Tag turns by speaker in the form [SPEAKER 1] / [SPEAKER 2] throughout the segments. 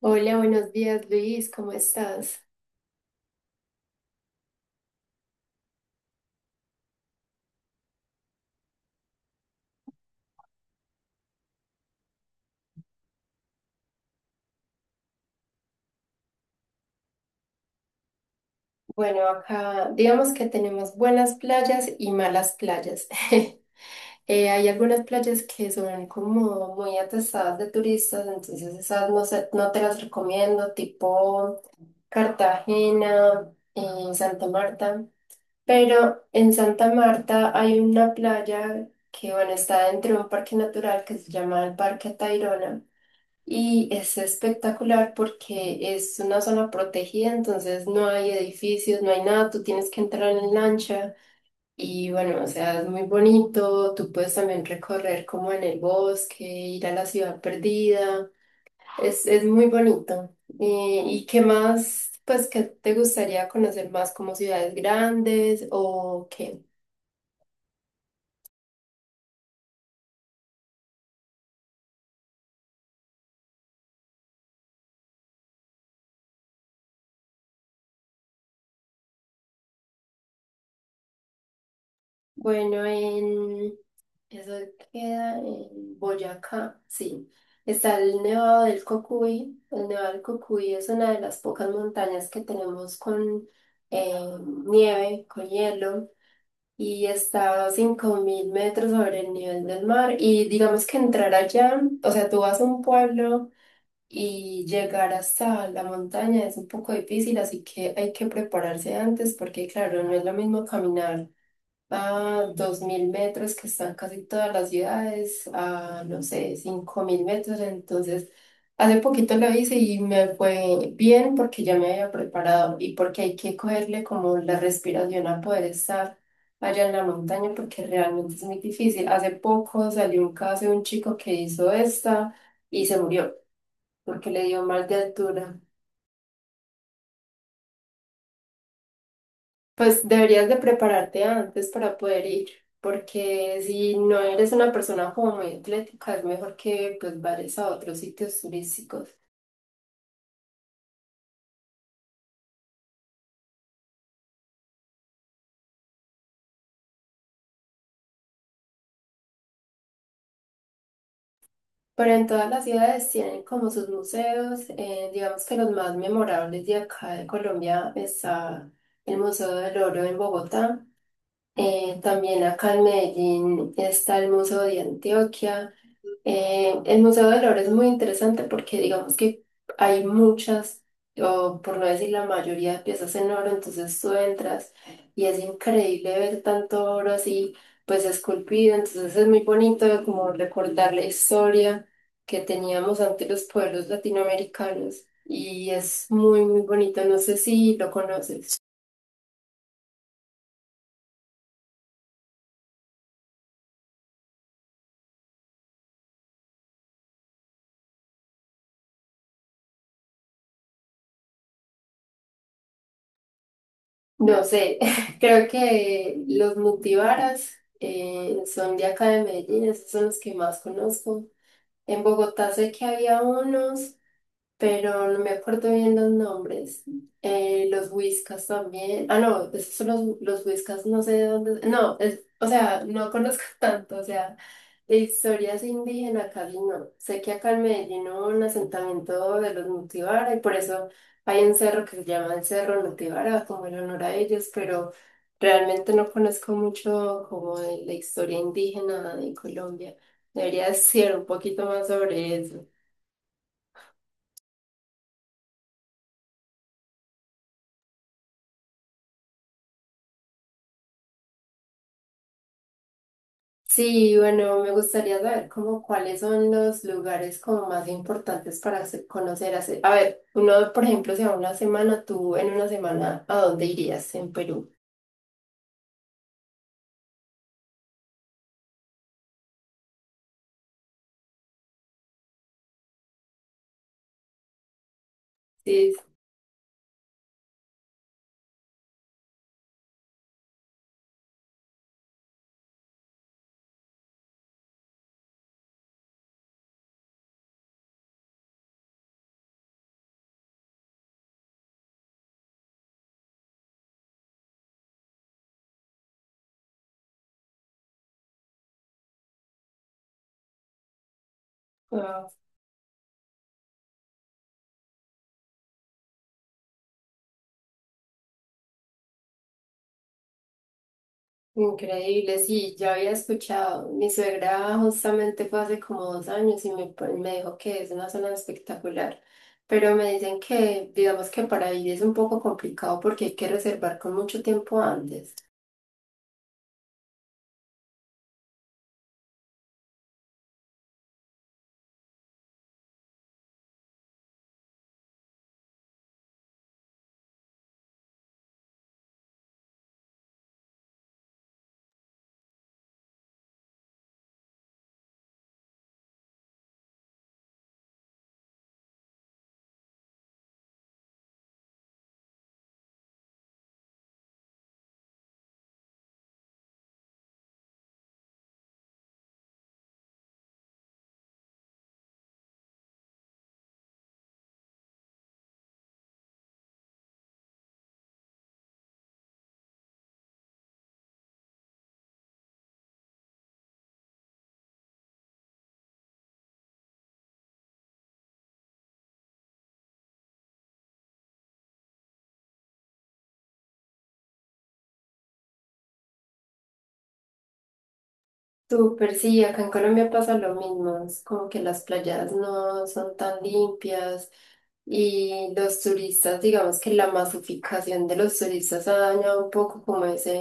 [SPEAKER 1] Hola, buenos días Luis, ¿cómo estás? Bueno, acá digamos que tenemos buenas playas y malas playas. Hay algunas playas que son como muy atestadas de turistas, entonces esas no, no te las recomiendo, tipo Cartagena, Santa Marta. Pero en Santa Marta hay una playa que, bueno, está dentro de un parque natural que se llama el Parque Tayrona. Y es espectacular porque es una zona protegida, entonces no hay edificios, no hay nada, tú tienes que entrar en lancha y bueno, o sea, es muy bonito, tú puedes también recorrer como en el bosque, ir a la ciudad perdida, es muy bonito. ¿Y qué más, pues, qué te gustaría conocer más como ciudades grandes o qué? Bueno, eso queda en Boyacá, sí. Está el Nevado del Cocuy. El Nevado del Cocuy es una de las pocas montañas que tenemos con eh, nieve, con hielo, y está a 5000 metros sobre el nivel del mar. Y digamos que entrar allá, o sea, tú vas a un pueblo y llegar hasta la montaña es un poco difícil, así que hay que prepararse antes porque, claro, no es lo mismo caminar a 2000 metros que están casi todas las ciudades, a no sé, 5000 metros. Entonces, hace poquito lo hice y me fue bien porque ya me había preparado y porque hay que cogerle como la respiración a poder estar allá en la montaña porque realmente es muy difícil. Hace poco salió un caso de un chico que hizo esta y se murió porque le dio mal de altura. Pues deberías de prepararte antes para poder ir, porque si no eres una persona como muy atlética, es mejor que pues vayas a otros sitios turísticos. Pero en todas las ciudades tienen como sus museos, digamos que los más memorables de acá de Colombia está el Museo del Oro en Bogotá, también acá en Medellín está el Museo de Antioquia. El Museo del Oro es muy interesante porque digamos que hay muchas, o por no decir la mayoría de piezas en oro, entonces tú entras y es increíble ver tanto oro así, pues esculpido, entonces es muy bonito como recordar la historia que teníamos ante los pueblos latinoamericanos y es muy, muy bonito, no sé si lo conoces. No sé, creo que los Mutivaras son de acá de Medellín, esos son los que más conozco. En Bogotá sé que había unos pero no me acuerdo bien los nombres. Los Whiskas también. Ah, no, esos son los Whiskas, no sé de dónde. No, es, o sea, no conozco tanto, o sea, de historias indígenas casi no. Sé que acá en Medellín hubo un asentamiento de los Nutibara y por eso hay un cerro que se llama el Cerro Nutibara, como en honor a ellos, pero realmente no conozco mucho como de la historia indígena de Colombia. Debería decir un poquito más sobre eso. Sí, bueno, me gustaría saber como cuáles son los lugares como más importantes para conocer. A ver, uno, por ejemplo, si a una semana, tú en una semana, ¿a dónde irías en Perú? Sí, ah, increíble, sí, ya había escuchado. Mi suegra justamente fue hace como 2 años y me dijo que es una zona espectacular, pero me dicen que, digamos que para ir es un poco complicado porque hay que reservar con mucho tiempo antes. Súper, sí, acá en Colombia pasa lo mismo, es como que las playas no son tan limpias y los turistas, digamos que la masificación de los turistas ha dañado un poco como ese,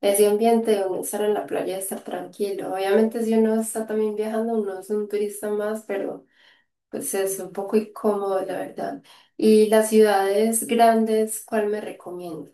[SPEAKER 1] ese ambiente de uno estar en la playa y estar tranquilo. Obviamente si uno está también viajando, uno es un turista más, pero pues es un poco incómodo, la verdad. Y las ciudades grandes, ¿cuál me recomiendas?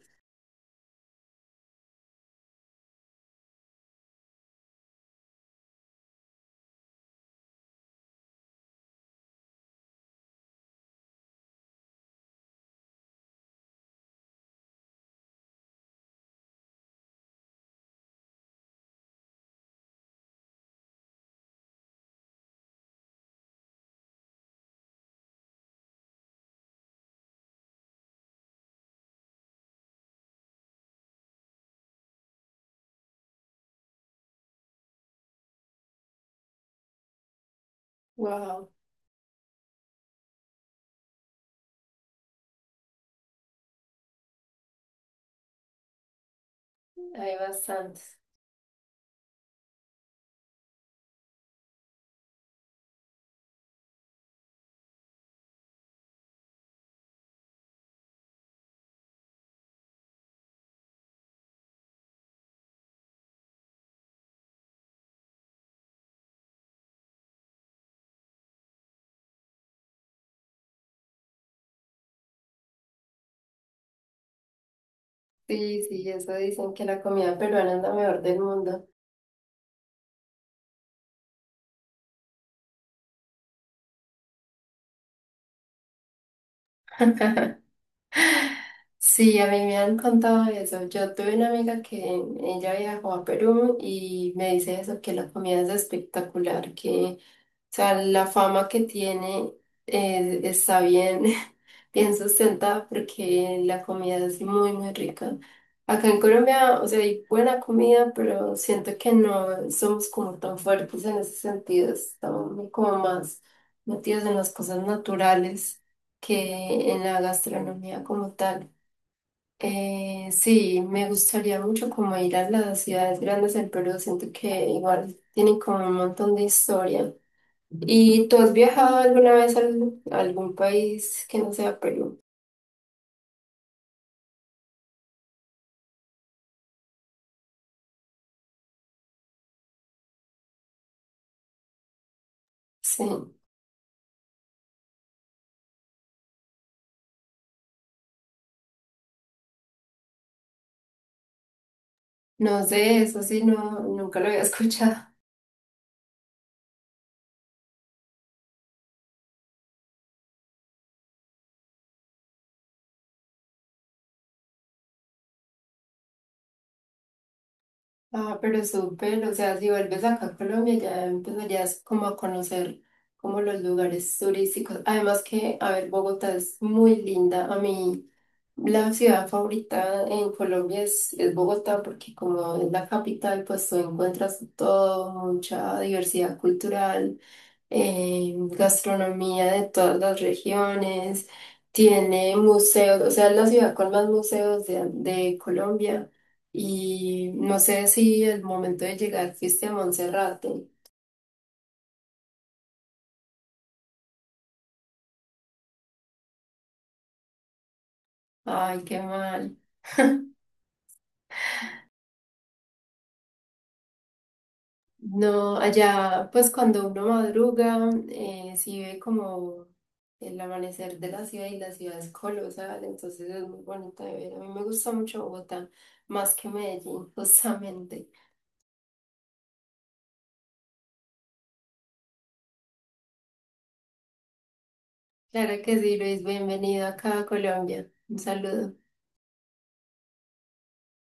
[SPEAKER 1] Wow, hay bastantes. Sí, sí, eso dicen que la comida peruana es la mejor del mundo. Sí, a mí me han contado eso. Yo tuve una amiga que ella viajó a Perú y me dice eso, que la comida es espectacular, que, o sea, la fama que tiene está bien. Bien sustentada porque la comida es muy, muy rica. Acá en Colombia, o sea, hay buena comida, pero siento que no somos como tan fuertes en ese sentido. Estamos como más metidos en las cosas naturales que en la gastronomía como tal. Sí, me gustaría mucho como ir a las ciudades grandes del Perú. Siento que igual tienen como un montón de historia. ¿Y tú has viajado alguna vez a algún país que no sea Perú? Sí. No sé, eso sí, no, nunca lo había escuchado. Ah, pero súper, o sea, si vuelves acá a Colombia ya empezarías como a conocer como los lugares turísticos. Además que, a ver, Bogotá es muy linda. A mí la ciudad favorita en Colombia es Bogotá porque como es la capital, pues tú encuentras todo, mucha diversidad cultural. Gastronomía de todas las regiones, tiene museos, o sea, es la ciudad con más museos de Colombia. Y no sé si el momento de llegar fuiste a Monserrate. Ay, qué mal. No, allá, pues cuando uno madruga, sí ve como el amanecer de la ciudad y la ciudad es colosal, entonces es muy bonita de ver. A mí me gusta mucho Bogotá, más que Medellín, justamente. Claro que sí, Luis. Bienvenido acá a Colombia. Un saludo.